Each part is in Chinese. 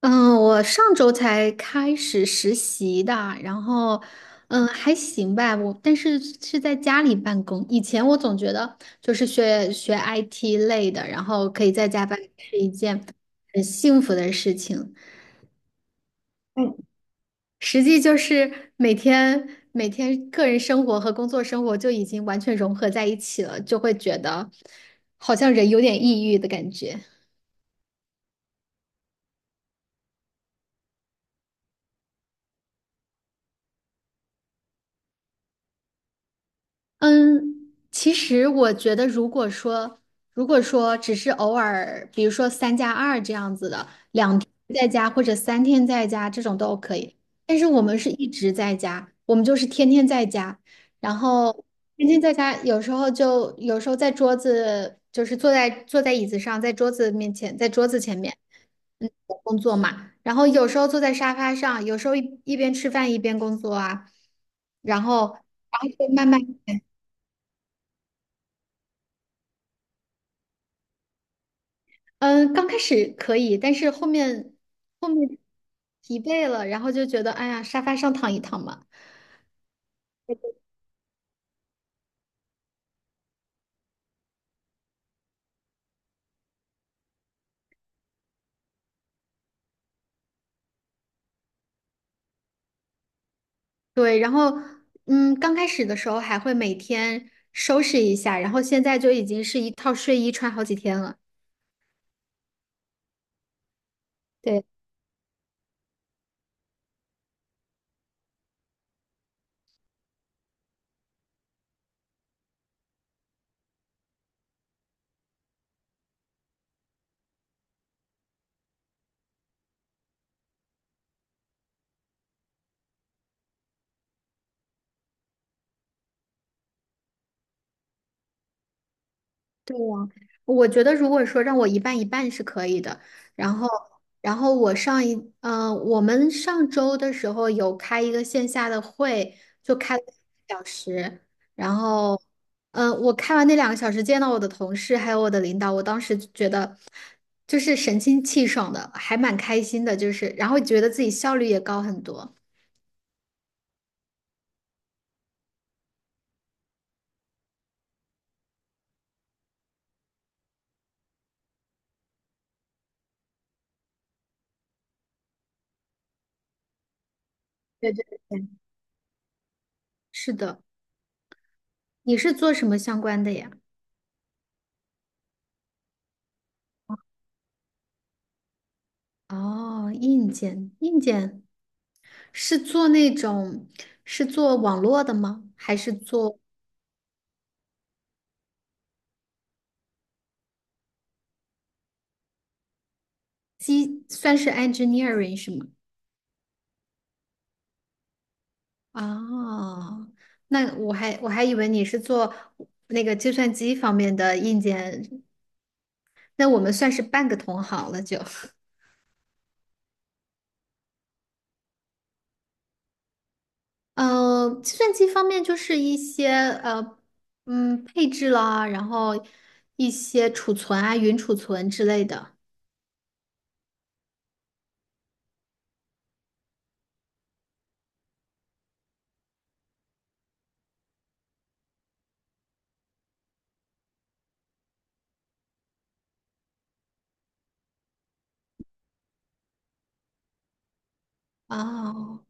嗯，我上周才开始实习的，然后，还行吧。我但是是在家里办公。以前我总觉得就是学学 IT 类的，然后可以在家办公是一件很幸福的事情。实际就是每天个人生活和工作生活就已经完全融合在一起了，就会觉得好像人有点抑郁的感觉。嗯，其实我觉得，如果说只是偶尔，比如说三加二这样子的，两天在家或者三天在家这种都可以。但是我们是一直在家，我们就是天天在家，然后天天在家，有时候在桌子，就是坐在椅子上，在桌子前面，工作嘛。然后有时候坐在沙发上，有时候一边吃饭一边工作啊，然后然后就慢慢。嗯，刚开始可以，但是后面疲惫了，然后就觉得哎呀，沙发上躺一躺嘛。对，然后刚开始的时候还会每天收拾一下，然后现在就已经是一套睡衣穿好几天了。对。对呀，我觉得如果说让我一半一半是可以的，然后，然后我上一，我们上周的时候有开一个线下的会，就开了两个小时，然后，我开完那2个小时，见到我的同事还有我的领导，我当时就觉得就是神清气爽的，还蛮开心的，就是，然后觉得自己效率也高很多。对对对，是的，你是做什么相关的呀？哦，硬件，是做那种网络的吗？还是做机，算是 engineering 是吗？哦，那我还以为你是做那个计算机方面的硬件，那我们算是半个同行了就。呃，计算机方面就是一些配置啦，然后一些储存啊、云储存之类的。哦，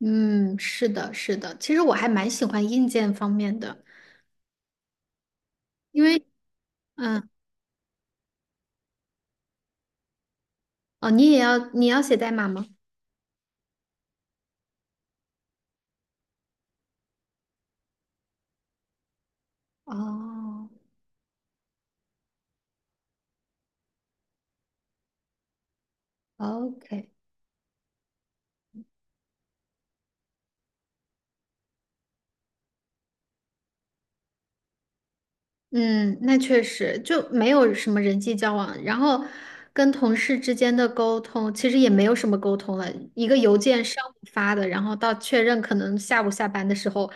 嗯，是的，其实我还蛮喜欢硬件方面的。因为。嗯，哦，你要写代码吗？哦，OK,嗯，那确实就没有什么人际交往，然后跟同事之间的沟通其实也没有什么沟通了，一个邮件上午发的，然后到确认可能下午下班的时候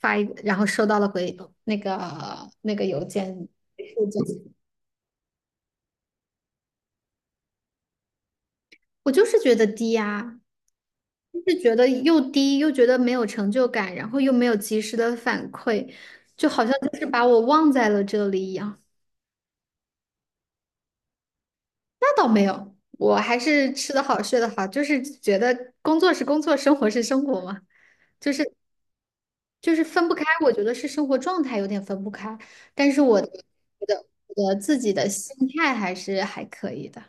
发一个，然后收到了回那个邮件，我就是觉得低呀、就是觉得又低，又觉得没有成就感，然后又没有及时的反馈，就好像就是把我忘在了这里一样。那倒没有，我还是吃得好，睡得好，就是觉得工作是工作，生活是生活嘛，就是就是分不开。我觉得是生活状态有点分不开，但是我的我的自己的心态还是还可以的。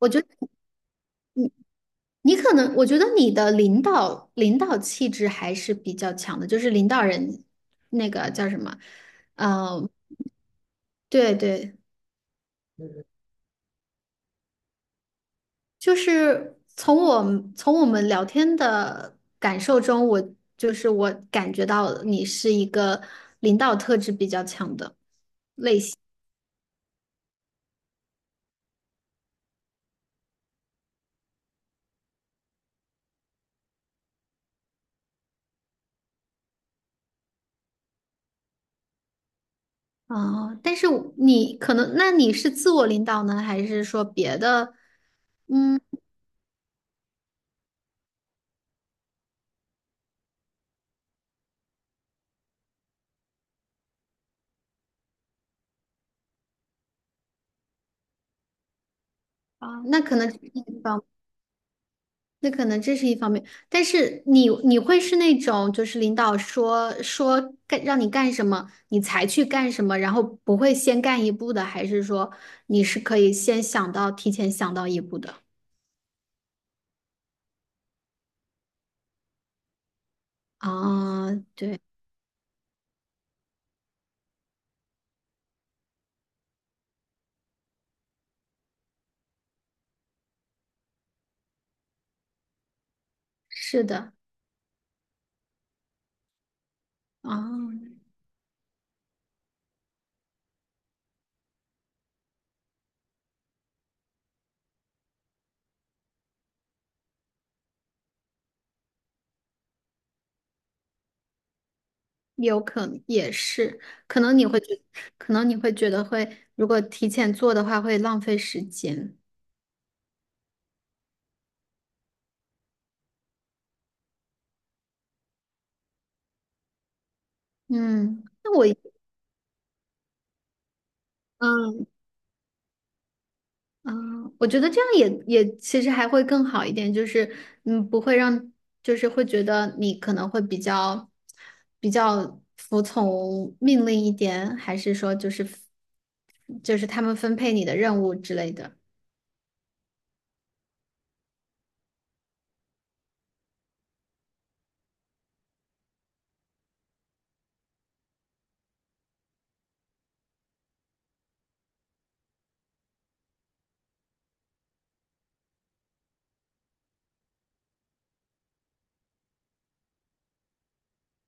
我你可能，我觉得你的领导气质还是比较强的，就是领导人那个叫什么，嗯，对对，就是从我们聊天的感受中，我就是我感觉到你是一个领导特质比较强的。啊，但是你可能，那你是自我领导呢，还是说别的？嗯啊，那可能。方。那可能这是一方面，但是你会是那种就是领导让你干什么，你才去干什么，然后不会先干一步的，还是说你是可以先想到提前想到一步的？啊，对，是的，啊，有可能也是，可能你会觉，可能你会觉得会，如果提前做的话会浪费时间。嗯，那我，嗯，嗯，我觉得这样也其实还会更好一点，就是嗯，不会让就是会觉得你可能会比较服从命令一点，还是说就是他们分配你的任务之类的。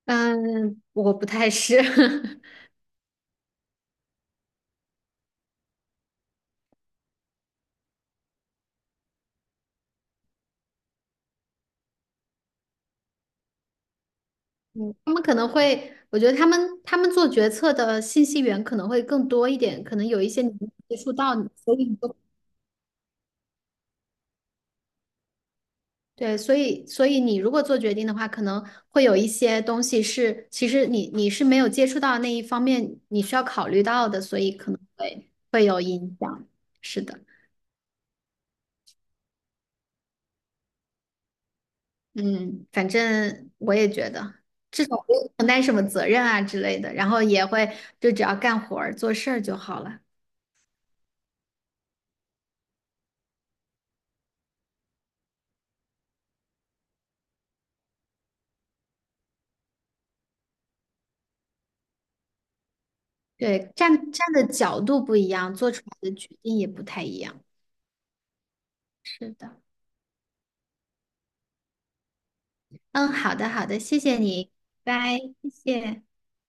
嗯，我不太是，嗯，他们可能会，我觉得他们做决策的信息源可能会更多一点，可能有一些你没接触到，所以你就对，所以你如果做决定的话，可能会有一些东西是，其实你是没有接触到那一方面，你需要考虑到的，所以可能会有影响。是的，嗯，反正我也觉得，至少不用承担什么责任啊之类的，然后也会就只要干活儿做事儿就好了。对，站的角度不一样，做出来的决定也不太一样。是的，嗯，好的好的，谢谢你，拜，谢谢。